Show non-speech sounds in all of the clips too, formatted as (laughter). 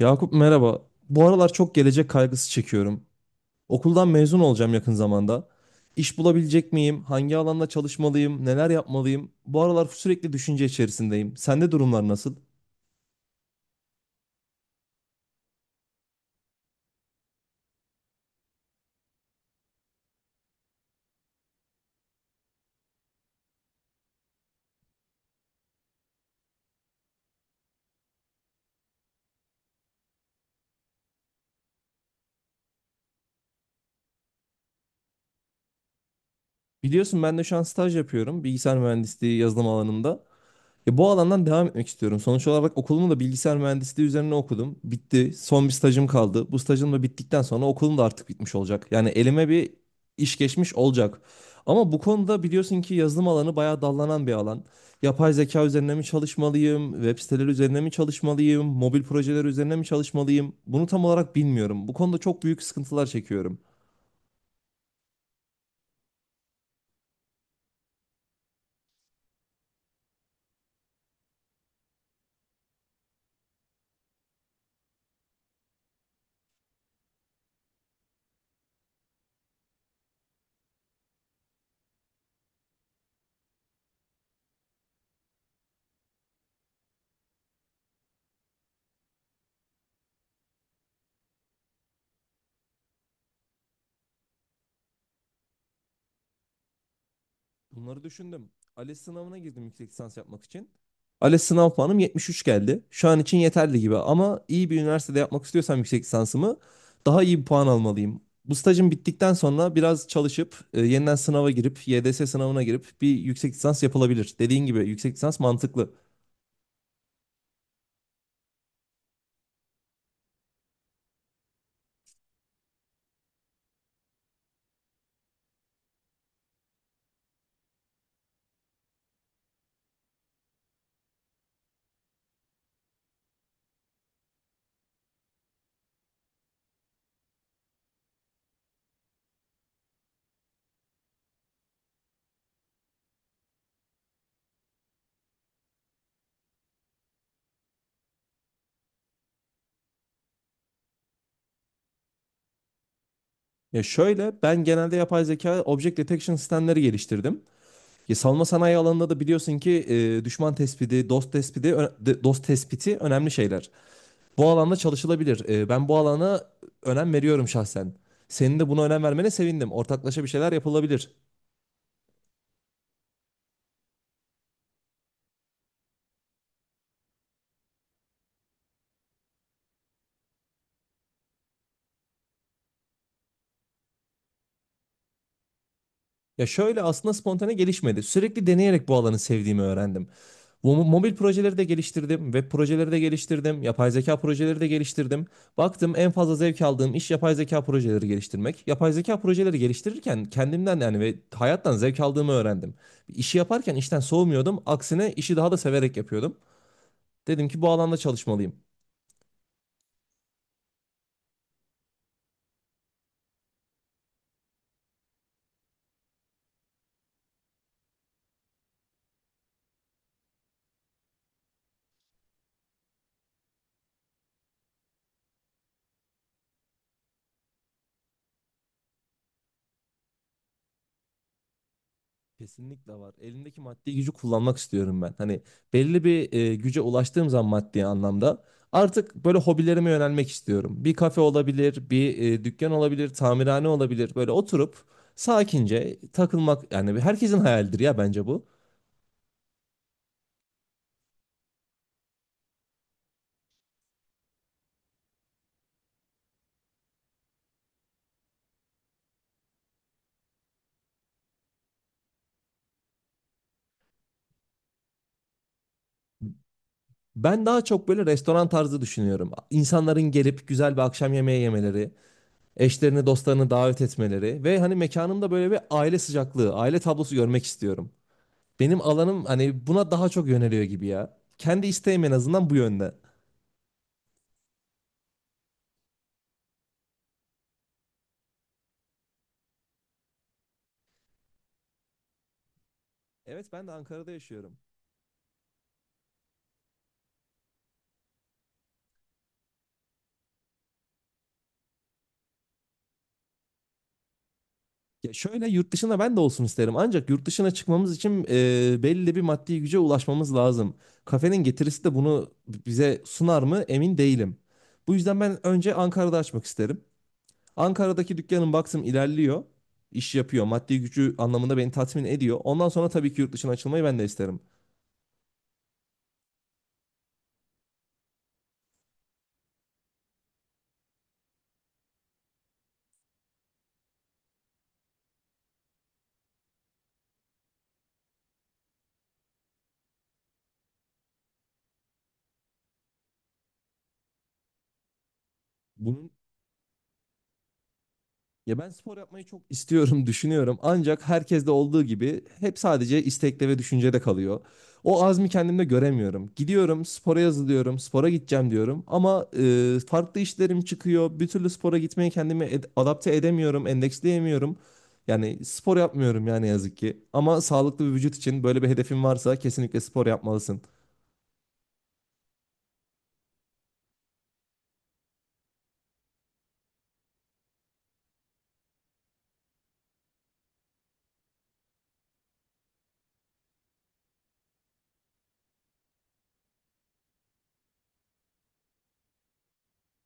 Yakup merhaba. Bu aralar çok gelecek kaygısı çekiyorum. Okuldan mezun olacağım yakın zamanda. İş bulabilecek miyim? Hangi alanda çalışmalıyım? Neler yapmalıyım? Bu aralar sürekli düşünce içerisindeyim. Sende durumlar nasıl? Biliyorsun ben de şu an staj yapıyorum. Bilgisayar mühendisliği yazılım alanında. Ya bu alandan devam etmek istiyorum. Sonuç olarak okulumu da bilgisayar mühendisliği üzerine okudum. Bitti. Son bir stajım kaldı. Bu stajım da bittikten sonra okulum da artık bitmiş olacak. Yani elime bir iş geçmiş olacak. Ama bu konuda biliyorsun ki yazılım alanı bayağı dallanan bir alan. Yapay zeka üzerine mi çalışmalıyım? Web siteleri üzerine mi çalışmalıyım? Mobil projeler üzerine mi çalışmalıyım? Bunu tam olarak bilmiyorum. Bu konuda çok büyük sıkıntılar çekiyorum. Bunları düşündüm. ALES sınavına girdim yüksek lisans yapmak için. ALES sınav puanım 73 geldi. Şu an için yeterli gibi ama iyi bir üniversitede yapmak istiyorsam yüksek lisansımı daha iyi bir puan almalıyım. Bu stajım bittikten sonra biraz çalışıp yeniden sınava girip YDS sınavına girip bir yüksek lisans yapılabilir. Dediğin gibi yüksek lisans mantıklı. Ya şöyle ben genelde yapay zeka object detection sistemleri geliştirdim. Ya savunma sanayi alanında da biliyorsun ki düşman tespiti, dost tespiti, dost tespiti önemli şeyler. Bu alanda çalışılabilir. Ben bu alana önem veriyorum şahsen. Senin de buna önem vermene sevindim. Ortaklaşa bir şeyler yapılabilir. Ya şöyle aslında spontane gelişmedi. Sürekli deneyerek bu alanı sevdiğimi öğrendim. Bu mobil projeleri de geliştirdim, web projeleri de geliştirdim, yapay zeka projeleri de geliştirdim. Baktım en fazla zevk aldığım iş yapay zeka projeleri geliştirmek. Yapay zeka projeleri geliştirirken kendimden yani ve hayattan zevk aldığımı öğrendim. İşi yaparken işten soğumuyordum. Aksine işi daha da severek yapıyordum. Dedim ki bu alanda çalışmalıyım. Kesinlikle var. Elimdeki maddi gücü kullanmak istiyorum ben. Hani belli bir güce ulaştığım zaman maddi anlamda artık böyle hobilerime yönelmek istiyorum. Bir kafe olabilir, bir dükkan olabilir, tamirhane olabilir. Böyle oturup sakince takılmak yani herkesin hayalidir ya bence bu. Ben daha çok böyle restoran tarzı düşünüyorum. İnsanların gelip güzel bir akşam yemeği yemeleri, eşlerini, dostlarını davet etmeleri ve hani mekanımda böyle bir aile sıcaklığı, aile tablosu görmek istiyorum. Benim alanım hani buna daha çok yöneliyor gibi ya. Kendi isteğim en azından bu yönde. Evet, ben de Ankara'da yaşıyorum. Ya şöyle yurt dışında ben de olsun isterim. Ancak yurt dışına çıkmamız için belli bir maddi güce ulaşmamız lazım. Kafenin getirisi de bunu bize sunar mı emin değilim. Bu yüzden ben önce Ankara'da açmak isterim. Ankara'daki dükkanım baktım ilerliyor. İş yapıyor. Maddi gücü anlamında beni tatmin ediyor. Ondan sonra tabii ki yurt dışına açılmayı ben de isterim. Bunun Ya ben spor yapmayı çok istiyorum, (laughs) düşünüyorum. Ancak herkeste olduğu gibi hep sadece istekte ve düşüncede kalıyor. O azmi kendimde göremiyorum. Gidiyorum, spora yazılıyorum, spora gideceğim diyorum. Ama farklı işlerim çıkıyor. Bir türlü spora gitmeye kendimi adapte edemiyorum, endeksleyemiyorum. Yani spor yapmıyorum yani ne yazık ki. Ama sağlıklı bir vücut için böyle bir hedefin varsa kesinlikle spor yapmalısın.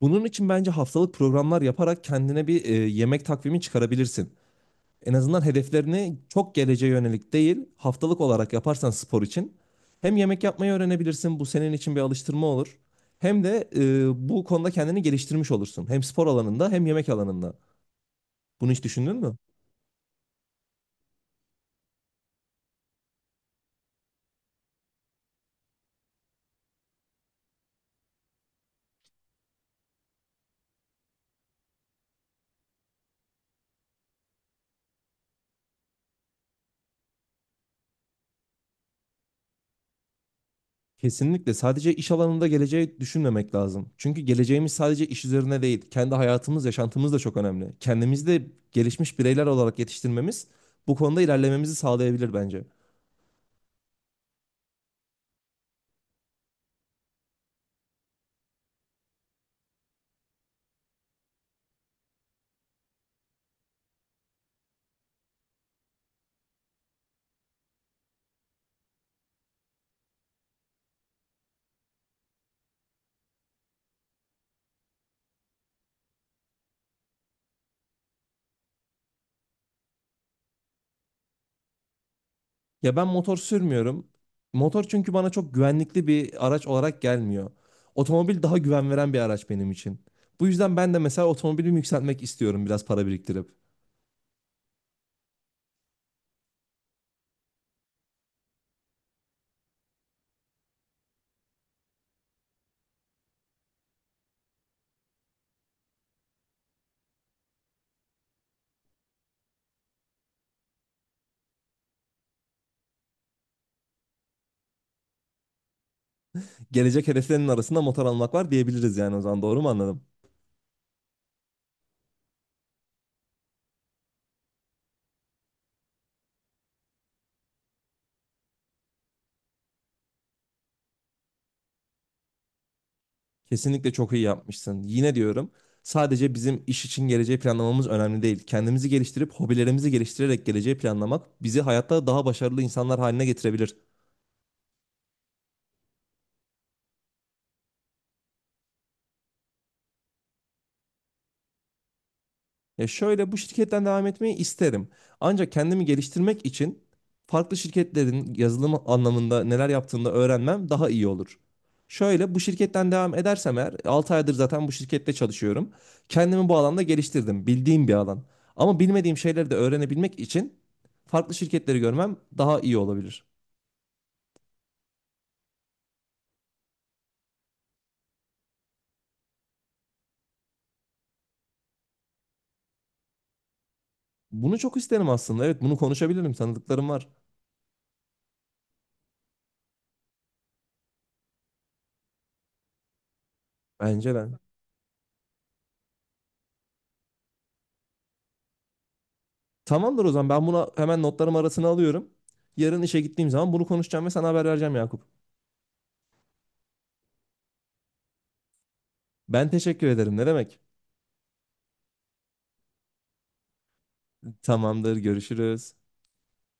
Bunun için bence haftalık programlar yaparak kendine bir yemek takvimi çıkarabilirsin. En azından hedeflerini çok geleceğe yönelik değil, haftalık olarak yaparsan spor için hem yemek yapmayı öğrenebilirsin, bu senin için bir alıştırma olur. Hem de bu konuda kendini geliştirmiş olursun. Hem spor alanında hem yemek alanında. Bunu hiç düşündün mü? Kesinlikle sadece iş alanında geleceği düşünmemek lazım. Çünkü geleceğimiz sadece iş üzerine değil, kendi hayatımız, yaşantımız da çok önemli. Kendimizi de gelişmiş bireyler olarak yetiştirmemiz bu konuda ilerlememizi sağlayabilir bence. Ya ben motor sürmüyorum. Motor çünkü bana çok güvenlikli bir araç olarak gelmiyor. Otomobil daha güven veren bir araç benim için. Bu yüzden ben de mesela otomobilimi yükseltmek istiyorum biraz para biriktirip. Gelecek hedeflerinin arasında motor almak var diyebiliriz yani o zaman, doğru mu anladım? Kesinlikle çok iyi yapmışsın. Yine diyorum sadece bizim iş için geleceği planlamamız önemli değil. Kendimizi geliştirip hobilerimizi geliştirerek geleceği planlamak bizi hayatta daha başarılı insanlar haline getirebilir. Ya şöyle bu şirketten devam etmeyi isterim. Ancak kendimi geliştirmek için farklı şirketlerin yazılım anlamında neler yaptığını da öğrenmem daha iyi olur. Şöyle bu şirketten devam edersem eğer 6 aydır zaten bu şirkette çalışıyorum. Kendimi bu alanda geliştirdim. Bildiğim bir alan. Ama bilmediğim şeyleri de öğrenebilmek için farklı şirketleri görmem daha iyi olabilir. Bunu çok isterim aslında. Evet, bunu konuşabilirim. Tanıdıklarım var. Bence de. Tamamdır, o zaman ben bunu hemen notlarım arasına alıyorum. Yarın işe gittiğim zaman bunu konuşacağım ve sana haber vereceğim, Yakup. Ben teşekkür ederim. Ne demek? Tamamdır. Görüşürüz.